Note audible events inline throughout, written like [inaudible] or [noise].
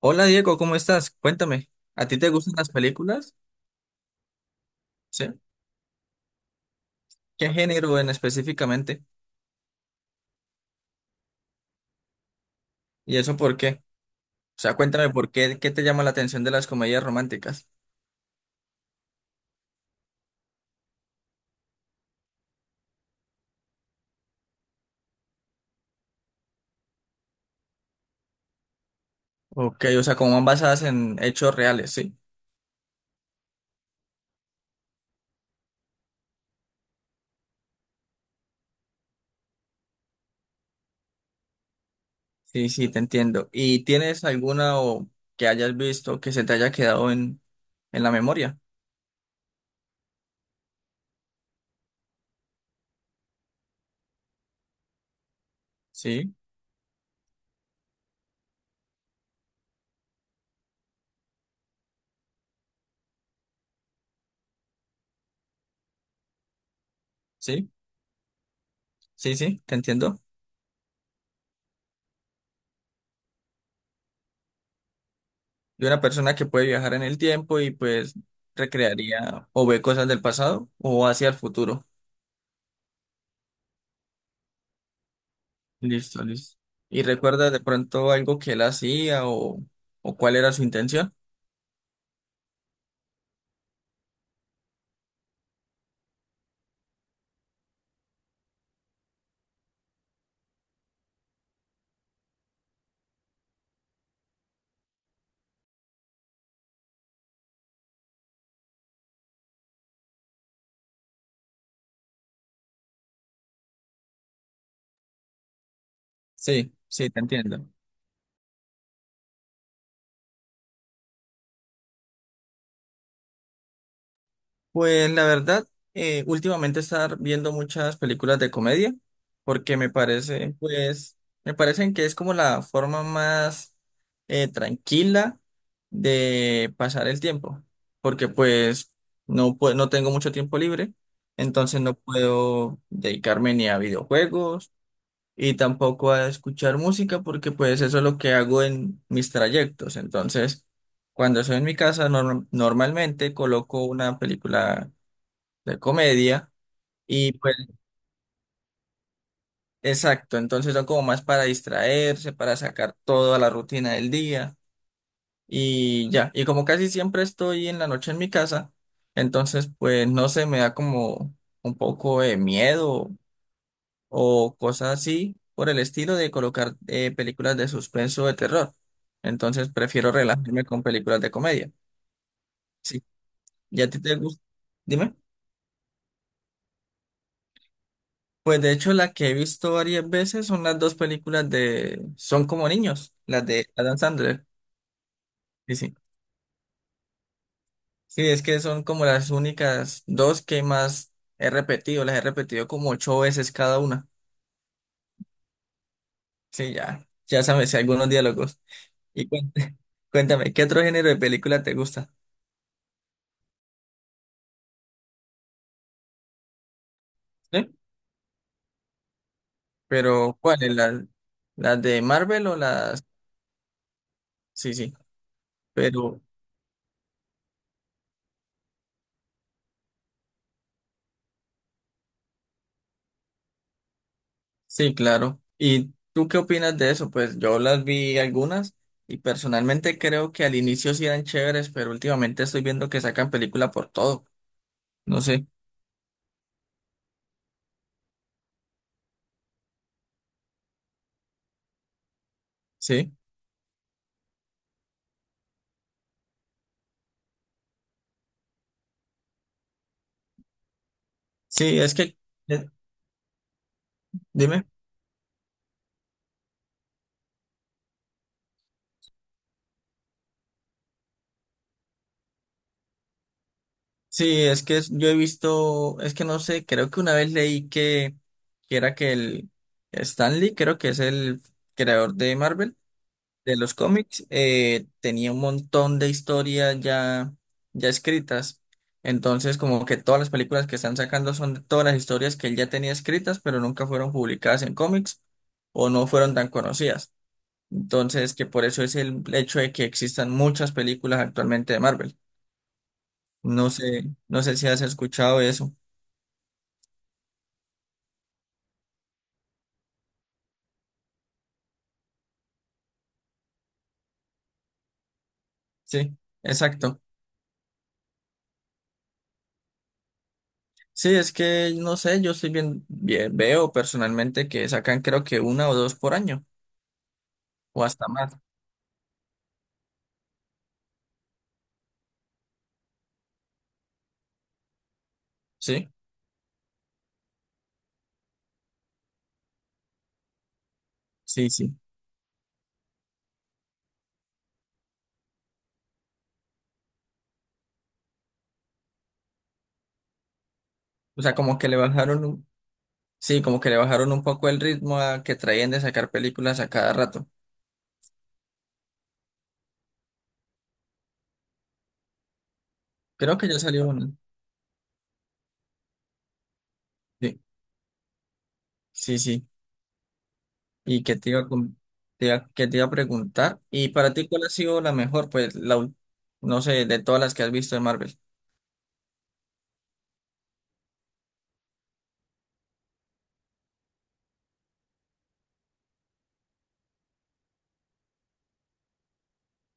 Hola Diego, ¿cómo estás? Cuéntame, ¿a ti te gustan las películas? ¿Sí? ¿Qué género en específicamente? ¿Y eso por qué? O sea, cuéntame por qué, qué te llama la atención de las comedias románticas. Ok, o sea, como van basadas en hechos reales, ¿sí? Sí, sí, te entiendo. ¿Y tienes alguna o que hayas visto que se te haya quedado en la memoria? Sí, sí, sí, sí, te entiendo. De una persona que puede viajar en el tiempo y pues recrearía o ve cosas del pasado o hacia el futuro. Listo, listo. ¿Y recuerdas de pronto algo que él hacía o cuál era su intención? Sí, sí, te entiendo. Pues la verdad, últimamente estar viendo muchas películas de comedia porque pues, me parecen que es como la forma más tranquila de pasar el tiempo, porque pues no tengo mucho tiempo libre, entonces no puedo dedicarme ni a videojuegos y tampoco a escuchar música porque pues eso es lo que hago en mis trayectos. Entonces, cuando estoy en mi casa, normalmente coloco una película de comedia y pues exacto, entonces son como más para distraerse, para sacar toda la rutina del día y ya. Y como casi siempre estoy en la noche en mi casa, entonces pues no sé, me da como un poco de miedo o cosas así por el estilo de colocar películas de suspenso o de terror. Entonces prefiero relajarme con películas de comedia. Sí, ¿ya a ti te gusta? Dime. Pues de hecho la que he visto varias veces son las dos películas de Son como niños, las de Adam Sandler. Sí, sí. Sí, es que son como las únicas dos que más he repetido, las he repetido como 8 veces cada una. Sí, ya, ya sabes, si algunos diálogos. Y cuéntame, [laughs] cuéntame, ¿qué otro género de película te gusta? ¿Sí? Pero, ¿cuáles? ¿Las de Marvel o las? Sí, sí, pero sí, claro. ¿Y tú qué opinas de eso? Pues yo las vi algunas y personalmente creo que al inicio sí eran chéveres, pero últimamente estoy viendo que sacan película por todo. No sé, sí. Sí, es que, eh, dime. Sí, es que yo he visto, es que no sé, creo que una vez leí que era que el Stanley, creo que es el creador de Marvel de los cómics tenía un montón de historias ya escritas. Entonces, como que todas las películas que están sacando son de todas las historias que él ya tenía escritas, pero nunca fueron publicadas en cómics o no fueron tan conocidas. Entonces, que por eso es el hecho de que existan muchas películas actualmente de Marvel. No sé, no sé si has escuchado eso. Sí, exacto. Sí, es que no sé, yo estoy veo personalmente que sacan creo que una o dos por año o hasta más. ¿Sí? Sí, sí. O sea, como que le bajaron sí, como que le bajaron un poco el ritmo a que traían de sacar películas a cada rato. Creo que ya salió una. Sí, sí, sí. Y que te iba a, com- Que te iba a preguntar. ¿Y para ti cuál ha sido la mejor? No sé, de todas las que has visto de Marvel.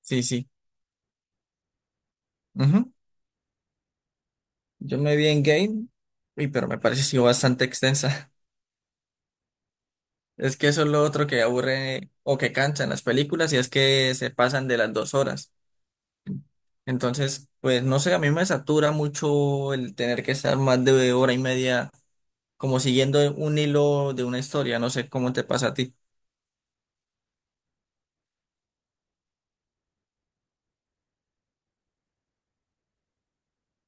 Sí, sí. Ujú. Yo me vi en Game, pero me pareció bastante extensa. [laughs] Es que eso es lo otro que aburre o que cansa en las películas y es que se pasan de las 2 horas. Entonces, pues no sé, a mí me satura mucho el tener que estar más de hora y media como siguiendo un hilo de una historia, no sé cómo te pasa a ti.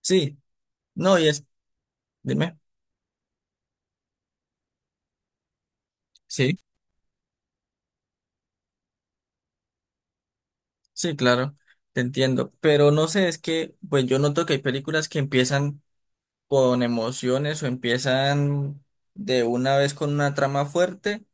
Sí, no, dime, sí, sí, claro, te entiendo, pero no sé, es que pues yo noto que hay películas que empiezan con emociones o empiezan de una vez con una trama fuerte.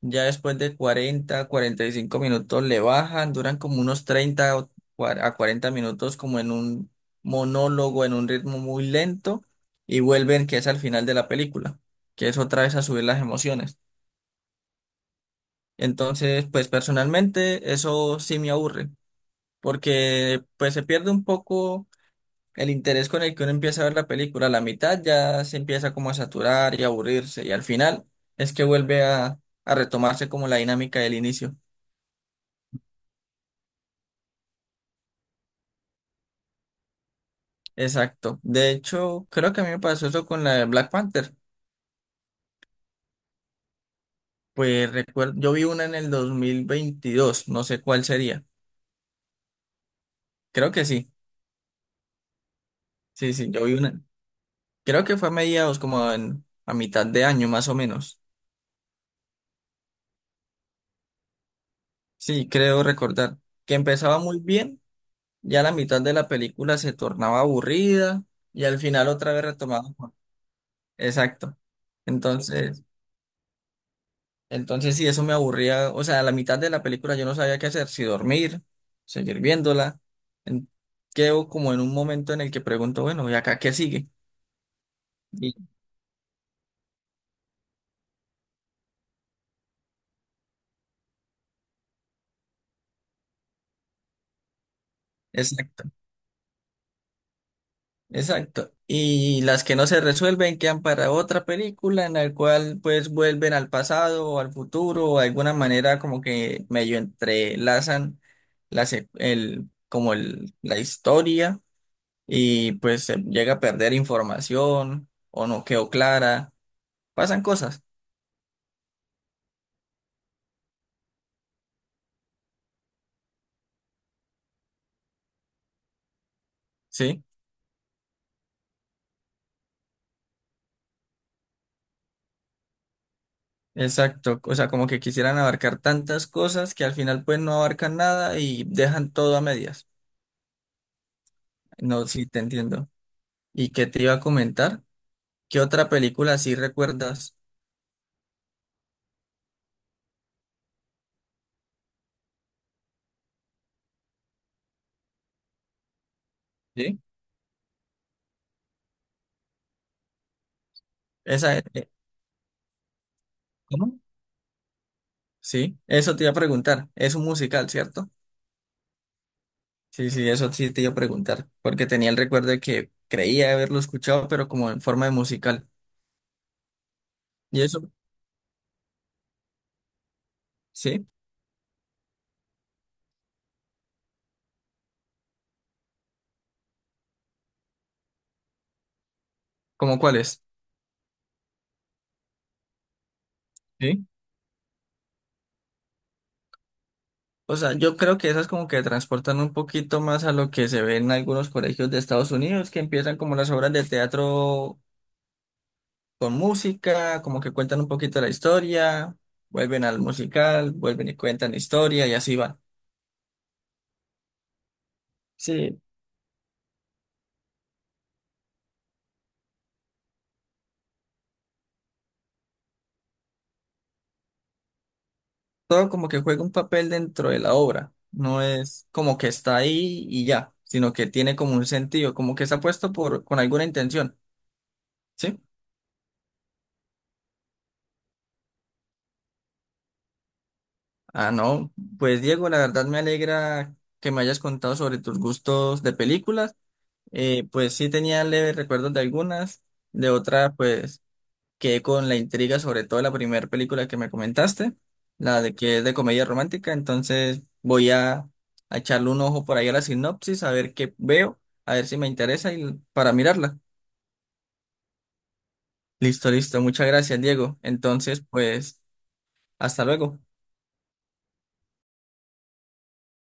Ya después de 40, 45 minutos le bajan, duran como unos 30 o a 40 minutos como en un monólogo, en un ritmo muy lento y vuelven que es al final de la película, que es otra vez a subir las emociones. Entonces, pues personalmente eso sí me aburre, porque pues se pierde un poco el interés con el que uno empieza a ver la película. A la mitad ya se empieza como a saturar y a aburrirse y al final es que vuelve a retomarse como la dinámica del inicio. Exacto. De hecho, creo que a mí me pasó eso con la de Black Panther. Pues recuerdo, yo vi una en el 2022. No sé cuál sería. Creo que sí. Sí, sí, yo vi una. Creo que fue a mediados, como a mitad de año más o menos. Sí, creo recordar que empezaba muy bien, ya la mitad de la película se tornaba aburrida y al final otra vez retomaba. Exacto. Entonces, Entonces, sí, eso me aburría. O sea, a la mitad de la película yo no sabía qué hacer, si dormir, seguir viéndola. En- quedo como en un momento en el que pregunto, bueno, ¿y acá qué sigue? Y- exacto, exacto. Y las que no se resuelven quedan para otra película en la cual pues vuelven al pasado o al futuro o de alguna manera como que medio entrelazan la se- el, como el, la historia y pues se llega a perder información o no quedó clara. Pasan cosas, ¿sí? Exacto, o sea, como que quisieran abarcar tantas cosas que al final pues no abarcan nada y dejan todo a medias. No, sí, te entiendo. ¿Y qué te iba a comentar? ¿Qué otra película sí recuerdas? ¿Sí? Esa, ¿cómo? Sí, eso te iba a preguntar. Es un musical, ¿cierto? Sí, sí, eso sí te iba a preguntar, porque tenía el recuerdo de que creía haberlo escuchado, pero como en forma de musical. ¿Y eso? ¿Sí? ¿Cómo cuál es? ¿Sí? O sea, yo creo que esas como que transportan un poquito más a lo que se ve en algunos colegios de Estados Unidos, que empiezan como las obras de teatro con música, como que cuentan un poquito la historia, vuelven al musical, vuelven y cuentan la historia y así va. Sí, todo como que juega un papel dentro de la obra, no es como que está ahí y ya, sino que tiene como un sentido, como que está puesto con alguna intención, ¿sí? Ah, no, pues Diego, la verdad me alegra que me hayas contado sobre tus gustos de películas. Pues sí tenía leves recuerdos de algunas, de otras pues quedé con la intriga sobre todo la primera película que me comentaste, la de que es de comedia romántica, entonces voy a echarle un ojo por ahí a la sinopsis, a ver qué veo, a ver si me interesa y para mirarla. Listo, listo, muchas gracias, Diego. Entonces, pues, hasta luego.